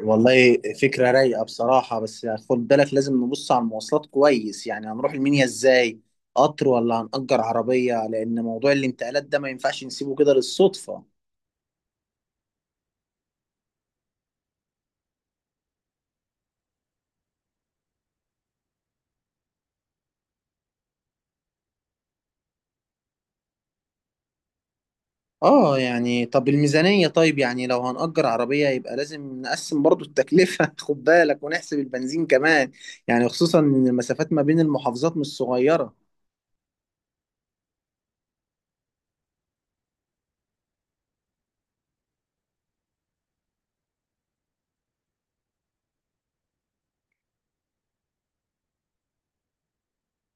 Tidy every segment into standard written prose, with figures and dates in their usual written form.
والله، فكرة رايقة بصراحة. بس خد بالك، لازم نبص على المواصلات كويس. يعني هنروح المنيا ازاي؟ قطر ولا هنأجر عربية؟ لأن موضوع الانتقالات ده ما ينفعش نسيبه كده للصدفة. اه يعني، طب الميزانية، طيب يعني لو هنأجر عربية يبقى لازم نقسم برضو التكلفة خد بالك، ونحسب البنزين كمان. يعني خصوصا إن المسافات ما بين المحافظات مش صغيرة.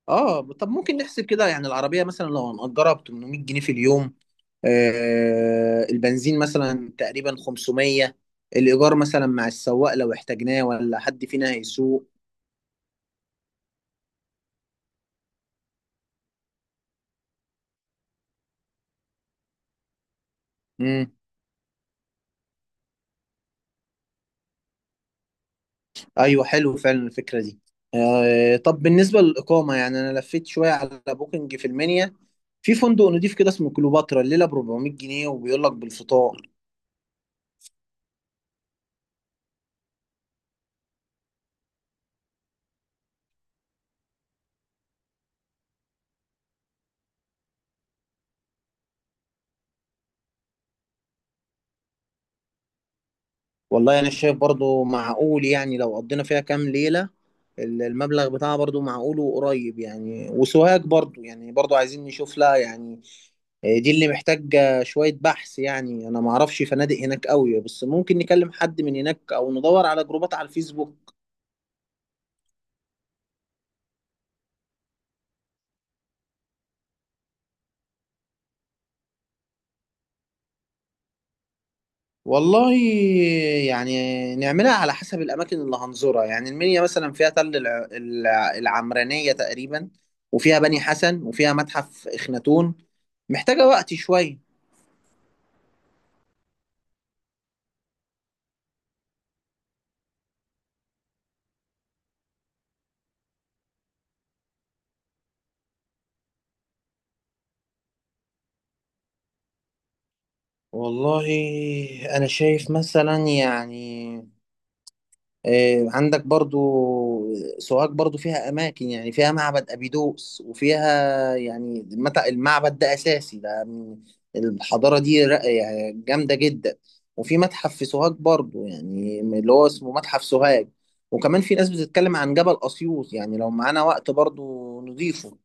اه، طب ممكن نحسب كده. يعني العربية مثلا لو هنأجرها ب 800 جنيه في اليوم، البنزين مثلا تقريبا 500، الإيجار مثلا مع السواق لو احتاجناه ولا حد فينا هيسوق. مم. أيوه، حلو فعلا الفكرة دي. طب بالنسبة للإقامة، يعني أنا لفيت شوية على بوكينج في المنيا، في فندق نضيف كده اسمه كليوباترا، الليلة ب 400 جنيه وبيقول لك بالفطار. والله أنا شايف برضو معقول. يعني لو قضينا فيها كام ليلة، المبلغ بتاعها برضو معقول وقريب. يعني وسوهاج برضو، يعني برضو عايزين نشوف لها يعني. دي اللي محتاجة شوية بحث. يعني أنا معرفش فنادق هناك قوي، بس ممكن نكلم حد من هناك أو ندور على جروبات على الفيسبوك. والله، يعني نعملها على حسب الأماكن اللي هنزورها. يعني المنيا مثلا فيها تل العمرانية تقريبا، وفيها بني حسن، وفيها متحف إخناتون. محتاجة وقت شوية. والله أنا شايف مثلا يعني، عندك برضو سوهاج، برضو فيها أماكن. يعني فيها معبد أبيدوس، وفيها يعني المعبد ده أساسي، ده الحضارة دي يعني جامدة جدا. وفي متحف في سوهاج برضو، يعني اللي هو اسمه متحف سوهاج. وكمان في ناس بتتكلم عن جبل أسيوط. يعني لو معانا وقت برضو نضيفه.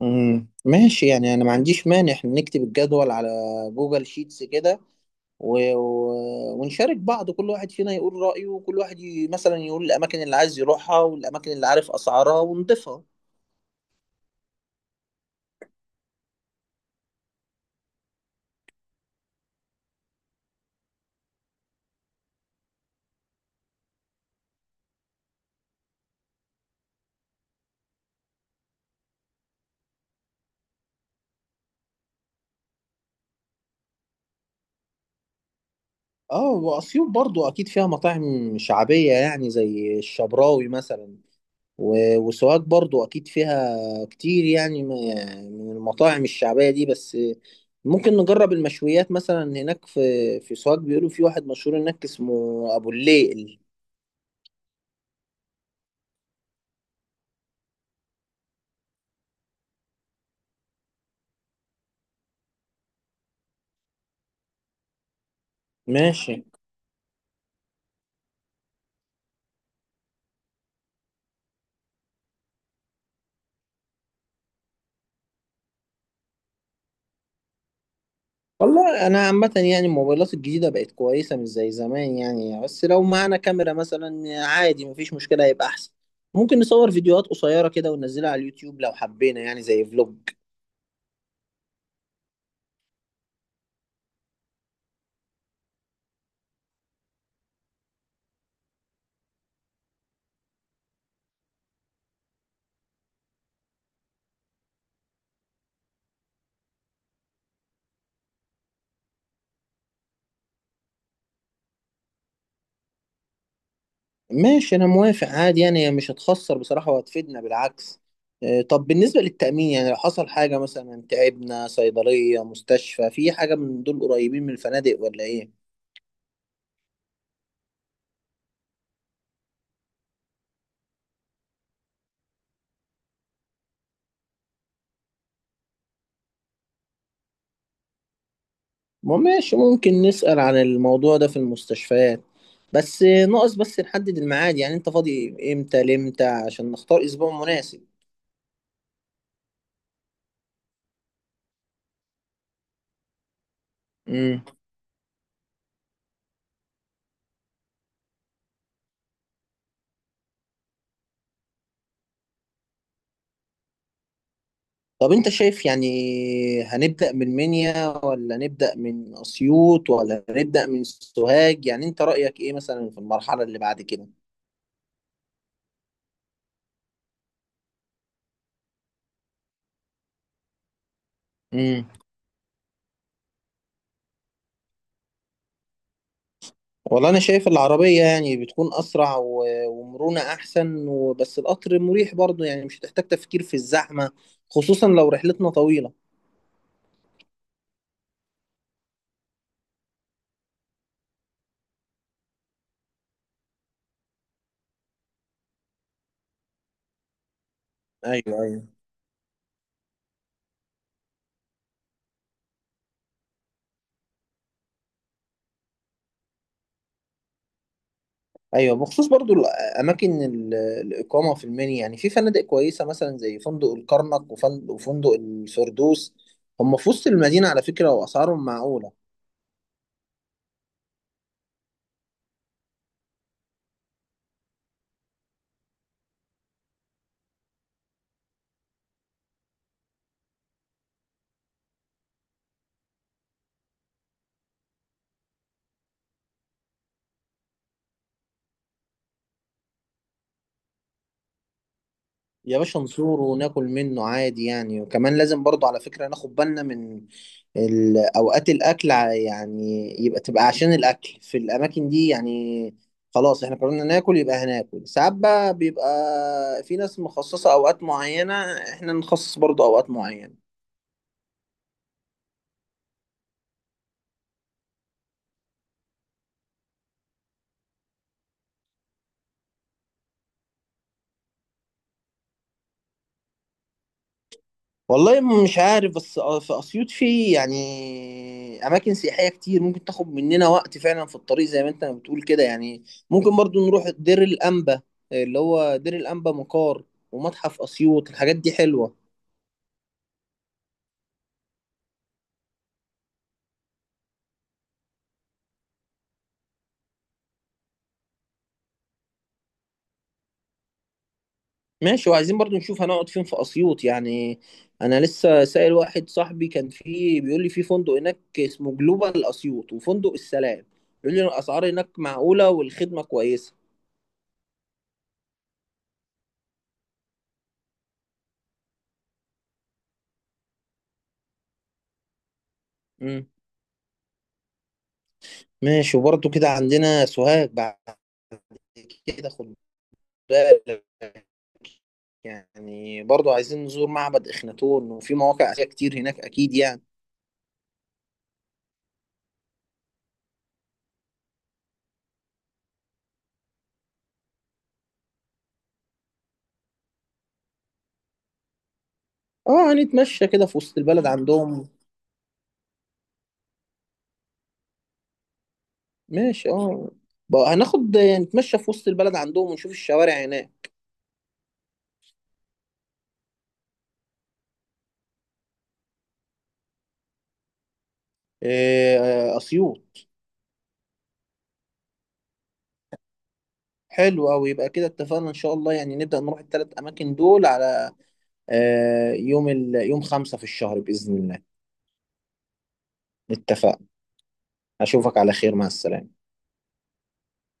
مم. ماشي، يعني أنا ما عنديش مانع إحنا نكتب الجدول على جوجل شيتس كده، و... و... ونشارك بعض، كل واحد فينا يقول رأيه، وكل واحد مثلا يقول الأماكن اللي عايز يروحها والأماكن اللي عارف أسعارها ونضيفها. اه، وأسيوط برضو أكيد فيها مطاعم شعبية، يعني زي الشبراوي مثلا. وسوهاج برضو أكيد فيها كتير، يعني من المطاعم الشعبية دي. بس ممكن نجرب المشويات مثلا هناك، في سوهاج بيقولوا في واحد مشهور هناك اسمه أبو الليل. ماشي. والله انا عامه، يعني الموبايلات الجديده بقت كويسه، مش زي زمان يعني. بس لو معانا كاميرا مثلا عادي مفيش مشكله، هيبقى احسن. ممكن نصور فيديوهات قصيره كده وننزلها على اليوتيوب لو حبينا، يعني زي فلوج. ماشي، انا موافق عادي. يعني هي مش هتخسر بصراحه وهتفيدنا بالعكس. طب بالنسبه للتامين، يعني لو حصل حاجه مثلا تعبنا، صيدليه، مستشفى، في حاجه من دول قريبين من الفنادق ولا ايه؟ ما ماشي، ممكن نسأل عن الموضوع ده في المستشفيات. بس ناقص بس نحدد الميعاد. يعني انت فاضي امتى لامتى عشان نختار اسبوع مناسب؟ امم طب انت شايف يعني، هنبدأ من منيا ولا نبدأ من اسيوط ولا نبدأ من سوهاج؟ يعني انت رأيك ايه مثلا في المرحلة اللي بعد كده؟ امم والله انا شايف العربية، يعني بتكون اسرع ومرونة احسن. وبس القطر مريح برضو، يعني مش هتحتاج تفكير في الزحمة، خصوصا لو رحلتنا طويلة. ايوه، ايوه. ايوه، بخصوص برضو الاماكن، الاقامه في المنيا يعني، في فنادق كويسه مثلا زي فندق الكرنك وفندق الفردوس. هم في وسط المدينه على فكره، واسعارهم معقوله. يا باشا، نزوره وناكل منه عادي يعني. وكمان لازم برضو على فكره ناخد بالنا من اوقات الاكل يعني يبقى تبقى عشان الاكل في الاماكن دي يعني. خلاص احنا قررنا ناكل، يبقى هناكل ساعات. بقى بيبقى في ناس مخصصه اوقات معينه، احنا نخصص برضو اوقات معينه. والله مش عارف. بس في اسيوط في يعني اماكن سياحيه كتير ممكن تاخد مننا وقت فعلا في الطريق زي ما انت بتقول كده يعني. ممكن برضو نروح دير الانبا، اللي هو دير الانبا مقار، ومتحف اسيوط. الحاجات دي حلوه. ماشي، وعايزين برضو نشوف هنقعد فين في اسيوط. يعني انا لسه سائل واحد صاحبي كان فيه، بيقول لي في فندق هناك اسمه جلوبال اسيوط وفندق السلام. بيقول لي الاسعار هناك معقوله والخدمه كويسه. مم. ماشي. وبرضه كده عندنا سوهاج بعد كده، خد بالك. يعني برضه عايزين نزور معبد إخناتون، وفي مواقع أثرية كتير هناك أكيد يعني. اه، هنتمشى كده في وسط البلد عندهم. ماشي، اه، بقى هناخد نتمشى في وسط البلد عندهم، ونشوف الشوارع هناك. إيه، أسيوط. حلو أوي، يبقى كده اتفقنا إن شاء الله. يعني نبدأ نروح الثلاث أماكن دول على، يوم 5 في الشهر بإذن الله. اتفقنا. أشوفك على خير، مع السلامة.